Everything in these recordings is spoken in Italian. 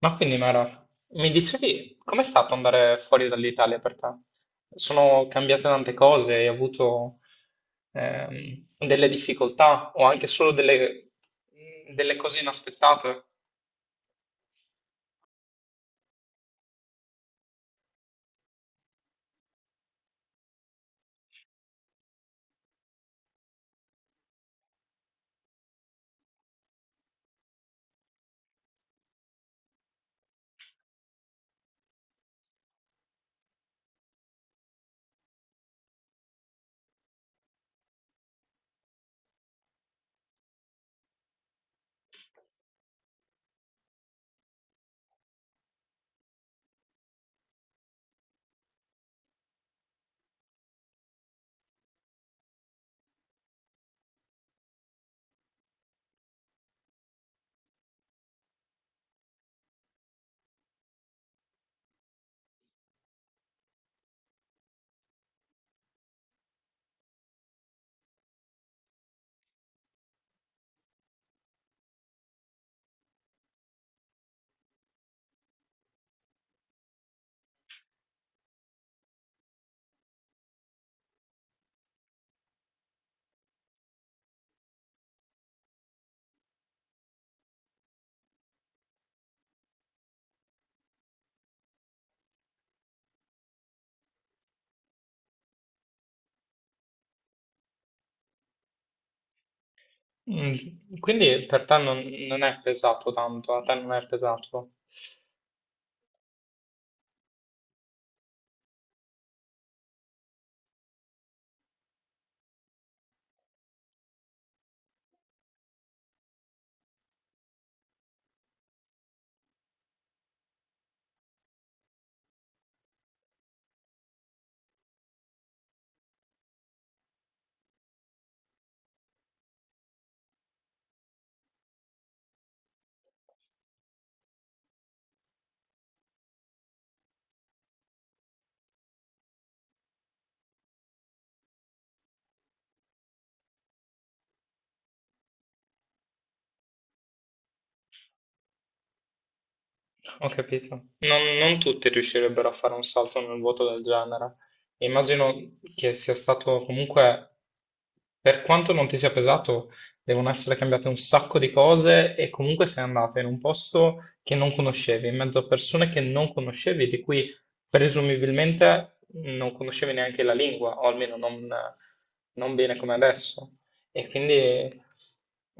Ma quindi Mara, mi dicevi, com'è stato andare fuori dall'Italia per te? Sono cambiate tante cose, hai avuto delle difficoltà o anche solo delle cose inaspettate. Mm. Quindi per te non è pesato tanto, a te non è pesato. Ho capito. Non tutti riuscirebbero a fare un salto nel vuoto del genere. Immagino che sia stato comunque, per quanto non ti sia pesato, devono essere cambiate un sacco di cose e comunque sei andato in un posto che non conoscevi, in mezzo a persone che non conoscevi, di cui presumibilmente non conoscevi neanche la lingua, o almeno non bene come adesso. E quindi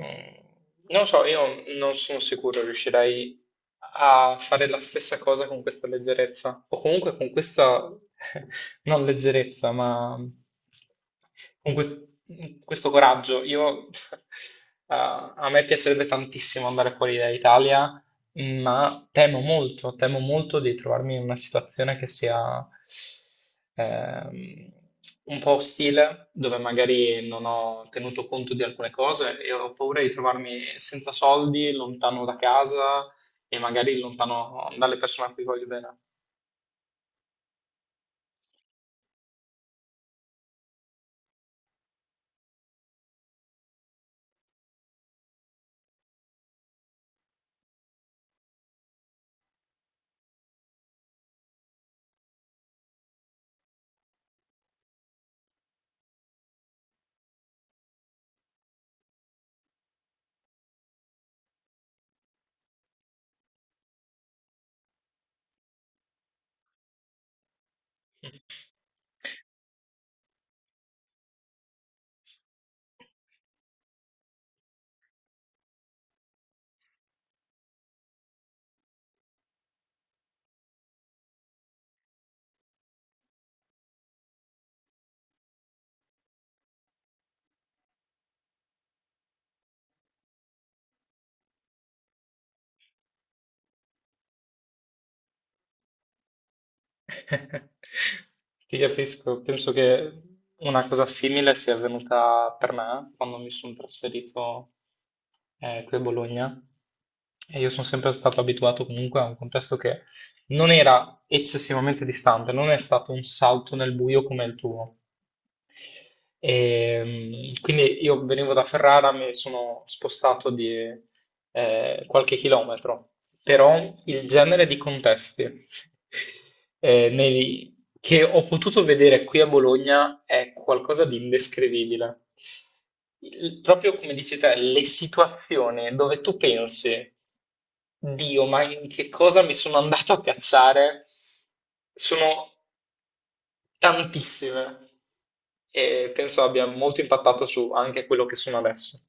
mm, non so, io non sono sicuro riuscirei a fare la stessa cosa con questa leggerezza, o comunque con questa, non leggerezza, ma con quest- questo coraggio. A me piacerebbe tantissimo andare fuori dall'Italia ma temo molto di trovarmi in una situazione che sia ehm, un po' ostile, dove magari non ho tenuto conto di alcune cose e ho paura di trovarmi senza soldi, lontano da casa e magari lontano dalle persone a cui voglio bene. Ti capisco, penso che una cosa simile sia avvenuta per me quando mi sono trasferito qui a Bologna e io sono sempre stato abituato comunque a un contesto che non era eccessivamente distante, non è stato un salto nel buio come il tuo, e, quindi io venivo da Ferrara, mi sono spostato di qualche chilometro, però il genere di contesti che ho potuto vedere qui a Bologna è qualcosa di indescrivibile. Proprio come dici te, le situazioni dove tu pensi, Dio, ma in che cosa mi sono andato a piazzare? Sono tantissime e penso abbia molto impattato su anche quello che sono adesso.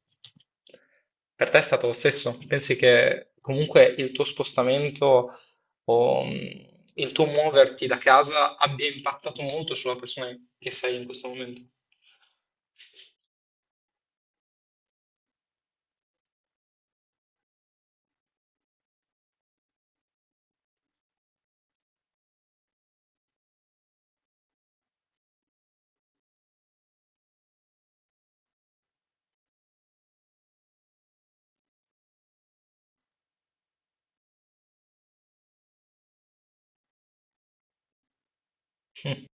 Per te è stato lo stesso? Pensi che comunque il tuo spostamento o il tuo muoverti da casa abbia impattato molto sulla persona che sei in questo momento? Mm.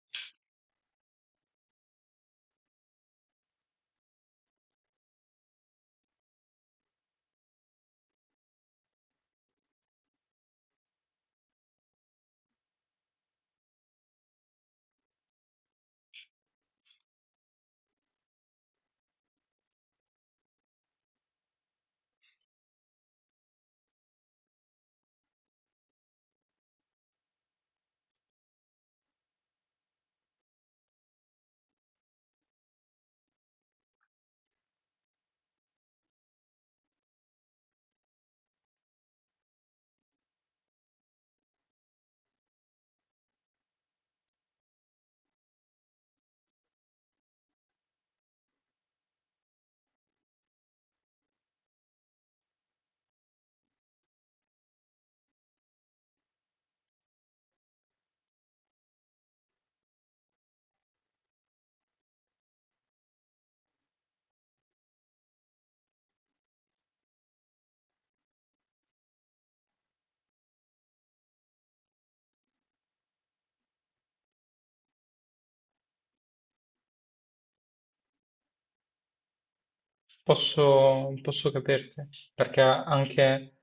Posso capirti, perché anche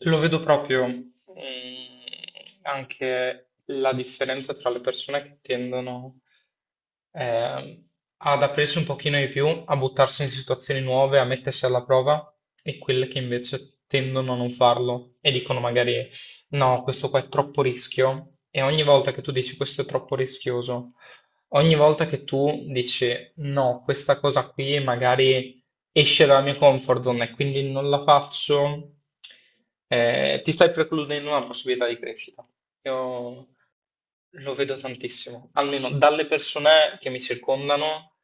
lo vedo proprio, anche la differenza tra le persone che tendono ehm, ad aprirsi un pochino di più, a buttarsi in situazioni nuove, a mettersi alla prova, e quelle che invece tendono a non farlo e dicono magari no, questo qua è troppo rischio. E ogni volta che tu dici questo è troppo rischioso, ogni volta che tu dici no, questa cosa qui magari esce dalla mia comfort zone e quindi non la faccio, ti stai precludendo una possibilità di crescita. Io lo vedo tantissimo, almeno dalle persone che mi circondano,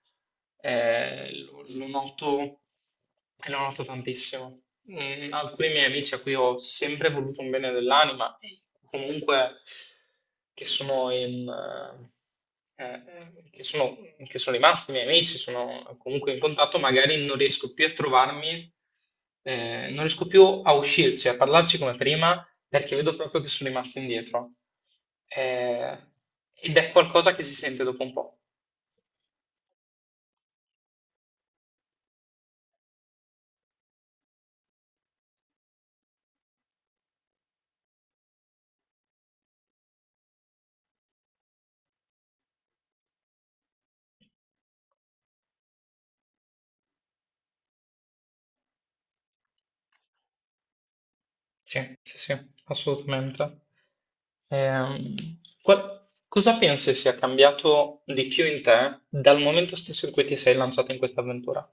lo noto, e lo noto tantissimo. Alcuni miei amici a cui ho sempre voluto un bene dell'anima, e comunque che sono in, eh, eh, che sono, che sono rimasti miei amici, sono comunque in contatto, magari non riesco più a trovarmi, non riesco più a uscirci, a parlarci come prima perché vedo proprio che sono rimasto indietro. Eh, Ed è qualcosa che si sente dopo un po'. Sì, sì, sì, assolutamente. Ehm, Cosa pensi sia cambiato di più in te dal momento stesso in cui ti sei lanciato in questa avventura?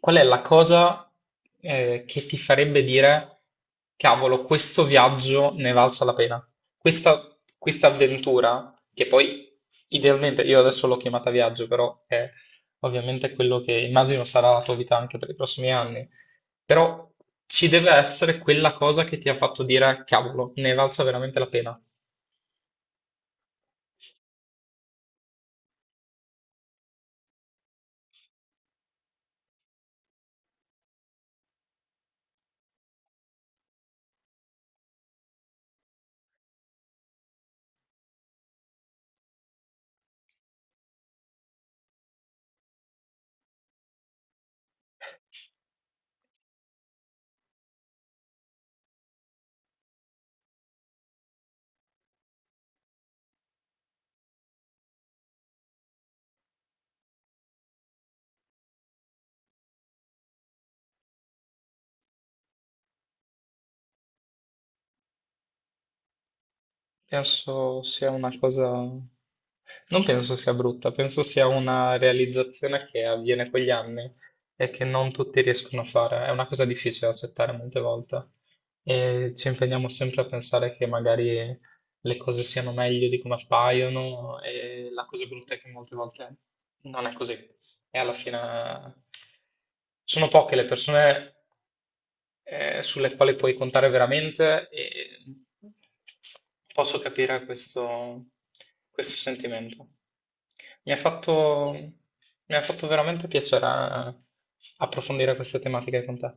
Qual è la cosa, che ti farebbe dire, cavolo, questo viaggio ne valsa la pena? Questa avventura, che poi idealmente io adesso l'ho chiamata viaggio, però è ovviamente quello che immagino sarà la tua vita anche per i prossimi anni. Però ci deve essere quella cosa che ti ha fatto dire: cavolo, ne è valsa veramente la pena. Penso sia una cosa... Non penso sia brutta, penso sia una realizzazione che avviene quegli anni e che non tutti riescono a fare. È una cosa difficile da accettare molte volte e ci impegniamo sempre a pensare che magari le cose siano meglio di come appaiono e la cosa brutta è che molte volte non è così. E alla fine sono poche le persone sulle quali puoi contare veramente e posso capire questo, questo sentimento. Mi ha fatto, Mi ha fatto veramente piacere approfondire queste tematiche con te.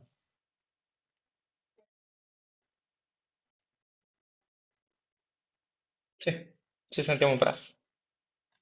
Sì, ci sentiamo presto.